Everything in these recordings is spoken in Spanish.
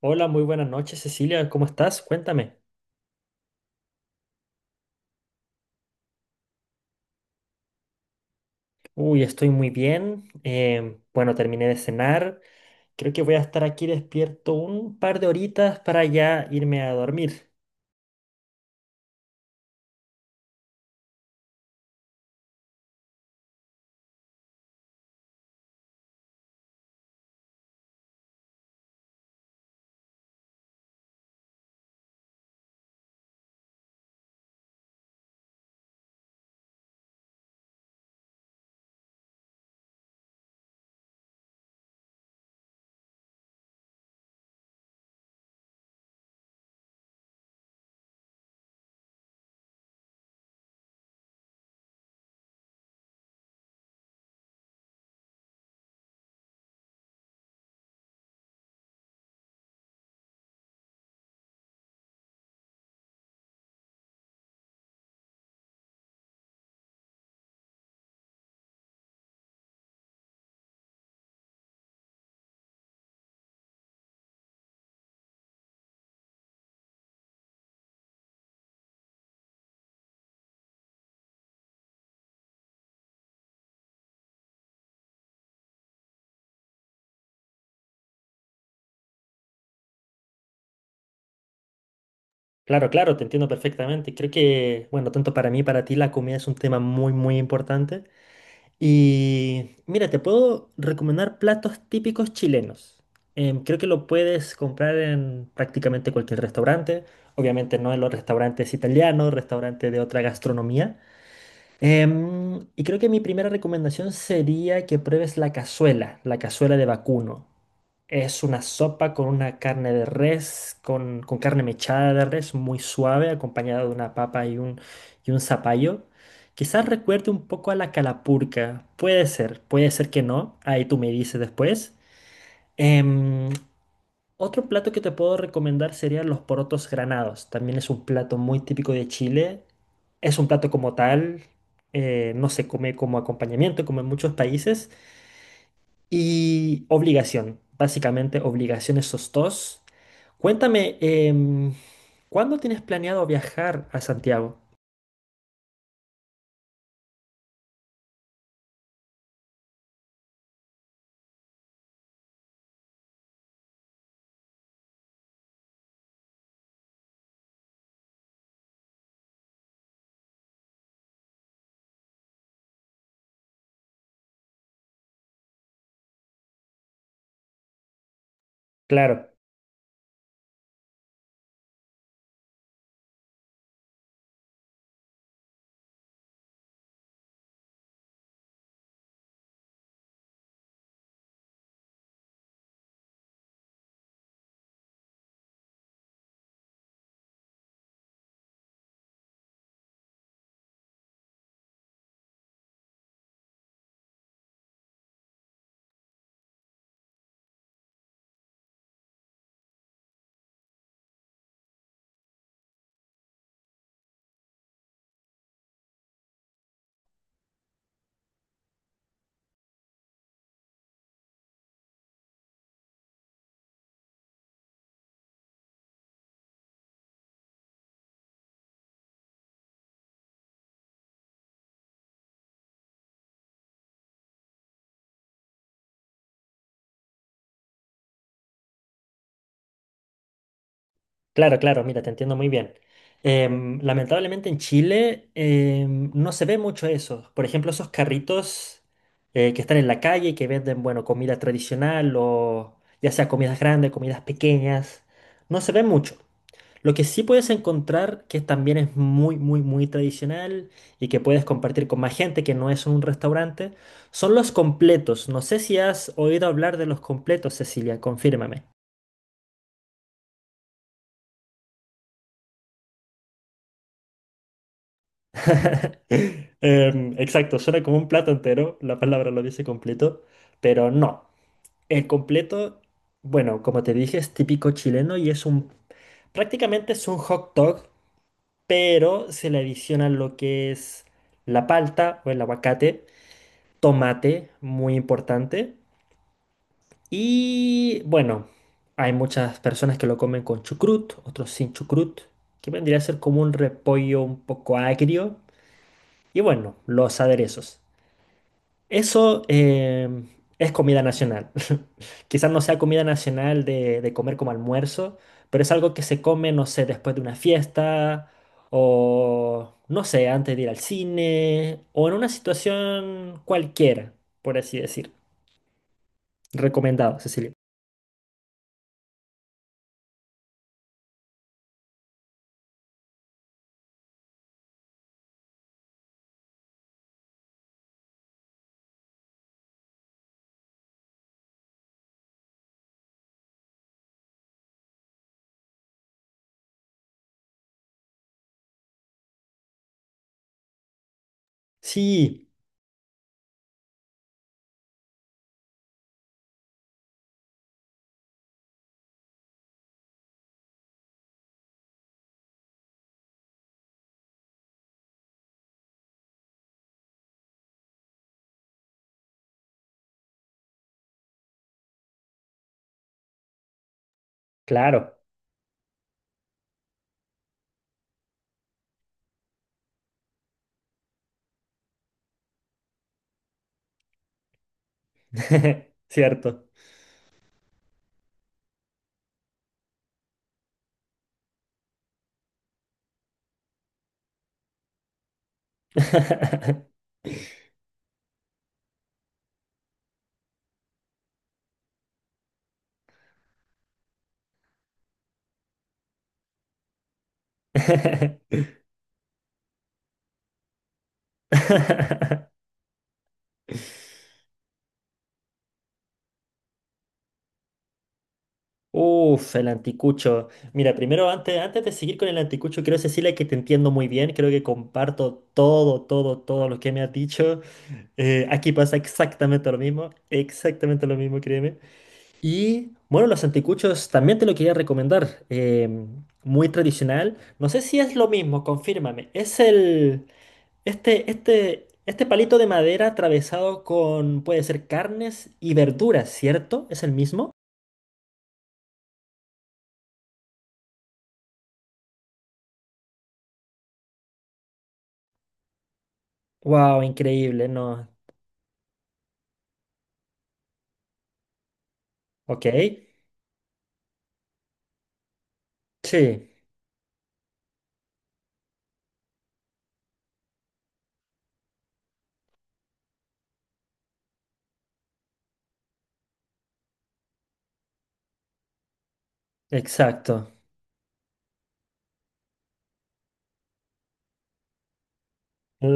Hola, muy buenas noches, Cecilia. ¿Cómo estás? Cuéntame. Uy, estoy muy bien. Bueno, terminé de cenar. Creo que voy a estar aquí despierto un par de horitas para ya irme a dormir. Claro, claro, te entiendo perfectamente. Creo que, bueno, tanto para mí, para ti, la comida es un tema muy, muy importante. Y mira, te puedo recomendar platos típicos chilenos. Creo que lo puedes comprar en prácticamente cualquier restaurante. Obviamente no en los restaurantes italianos, restaurantes de otra gastronomía. Y creo que mi primera recomendación sería que pruebes la cazuela de vacuno. Es una sopa con una carne de res, con carne mechada de res, muy suave, acompañada de una papa y y un zapallo. Quizás recuerde un poco a la calapurca. Puede ser que no. Ahí tú me dices después. Em, Otro plato que te puedo recomendar serían los porotos granados. También es un plato muy típico de Chile. Es un plato como tal, no se come como acompañamiento, como en muchos países. Y obligación, básicamente obligación esos dos. Cuéntame, ¿cuándo tienes planeado viajar a Santiago? Claro. Claro, claro, mira, te entiendo muy bien. Lamentablemente en Chile no se ve mucho eso. Por ejemplo, esos carritos que están en la calle y que venden, bueno, comida tradicional o ya sea comidas grandes, comidas pequeñas, no se ve mucho. Lo que sí puedes encontrar que también es muy, muy, muy tradicional y que puedes compartir con más gente que no es un restaurante, son los completos. No sé si has oído hablar de los completos, Cecilia, confírmame. Exacto, suena como un plato entero, la palabra lo dice completo, pero no. El completo, bueno, como te dije, es típico chileno y es un, prácticamente es un hot dog, pero se le adiciona lo que es la palta o el aguacate, tomate, muy importante, y bueno, hay muchas personas que lo comen con chucrut, otros sin chucrut, que vendría a ser como un repollo un poco agrio, y bueno, los aderezos. Eso es comida nacional. Quizás no sea comida nacional de comer como almuerzo, pero es algo que se come, no sé, después de una fiesta o, no sé, antes de ir al cine o en una situación cualquiera, por así decir. Recomendado, Cecilia. Sí, claro, cierto. Uf, el anticucho. Mira, primero, antes, antes de seguir con el anticucho, quiero decirle que te entiendo muy bien. Creo que comparto todo, todo, todo lo que me has dicho. Aquí pasa exactamente lo mismo, créeme. Y bueno, los anticuchos también te lo quería recomendar. Muy tradicional. No sé si es lo mismo, confírmame. Es el, este palito de madera atravesado con, puede ser carnes y verduras, ¿cierto? ¿Es el mismo? Wow, increíble, no. Ok, sí, exacto.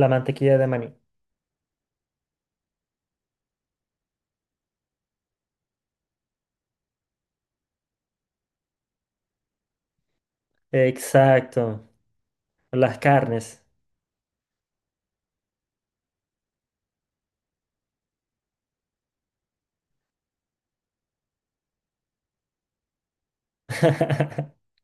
La mantequilla de maní. Exacto. Las carnes.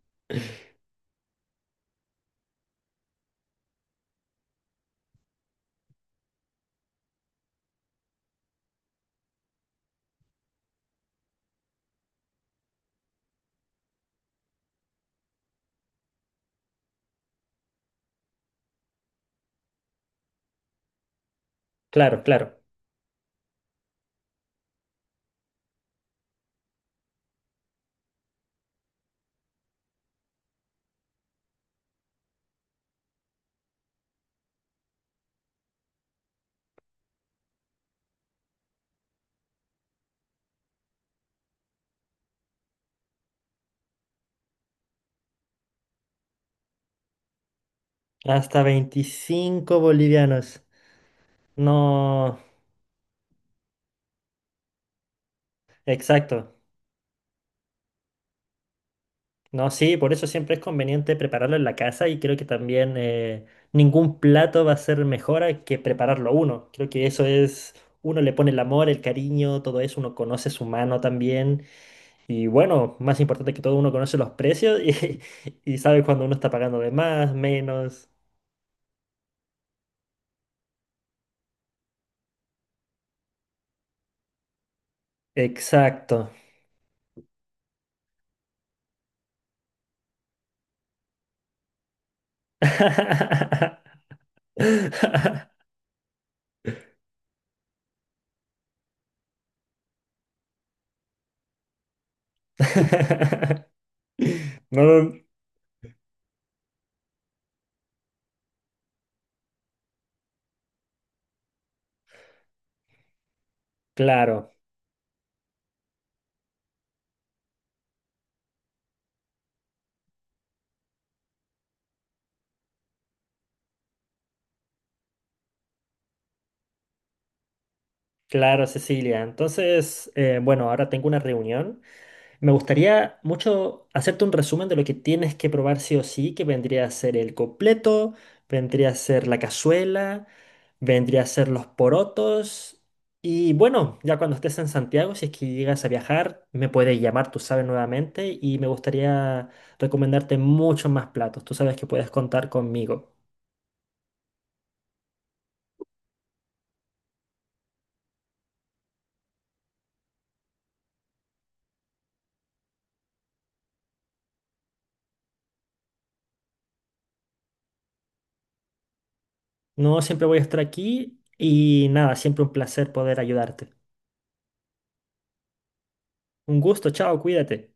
Claro, claro. Hasta 25 bolivianos. No, exacto. No, sí, por eso siempre es conveniente prepararlo en la casa y creo que también ningún plato va a ser mejor a que prepararlo uno. Creo que eso es, uno le pone el amor, el cariño, todo eso, uno conoce su mano también. Y bueno, más importante que todo, uno conoce los precios y, y sabe cuando uno está pagando de más, menos. Exacto. No, no, claro, claro, Cecilia. Entonces, bueno, ahora tengo una reunión. Me gustaría mucho hacerte un resumen de lo que tienes que probar sí o sí, que vendría a ser el completo, vendría a ser la cazuela, vendría a ser los porotos. Y bueno, ya cuando estés en Santiago, si es que llegas a viajar, me puedes llamar, tú sabes, nuevamente, y me gustaría recomendarte muchos más platos. Tú sabes que puedes contar conmigo. No siempre voy a estar aquí y nada, siempre un placer poder ayudarte. Un gusto, chao, cuídate.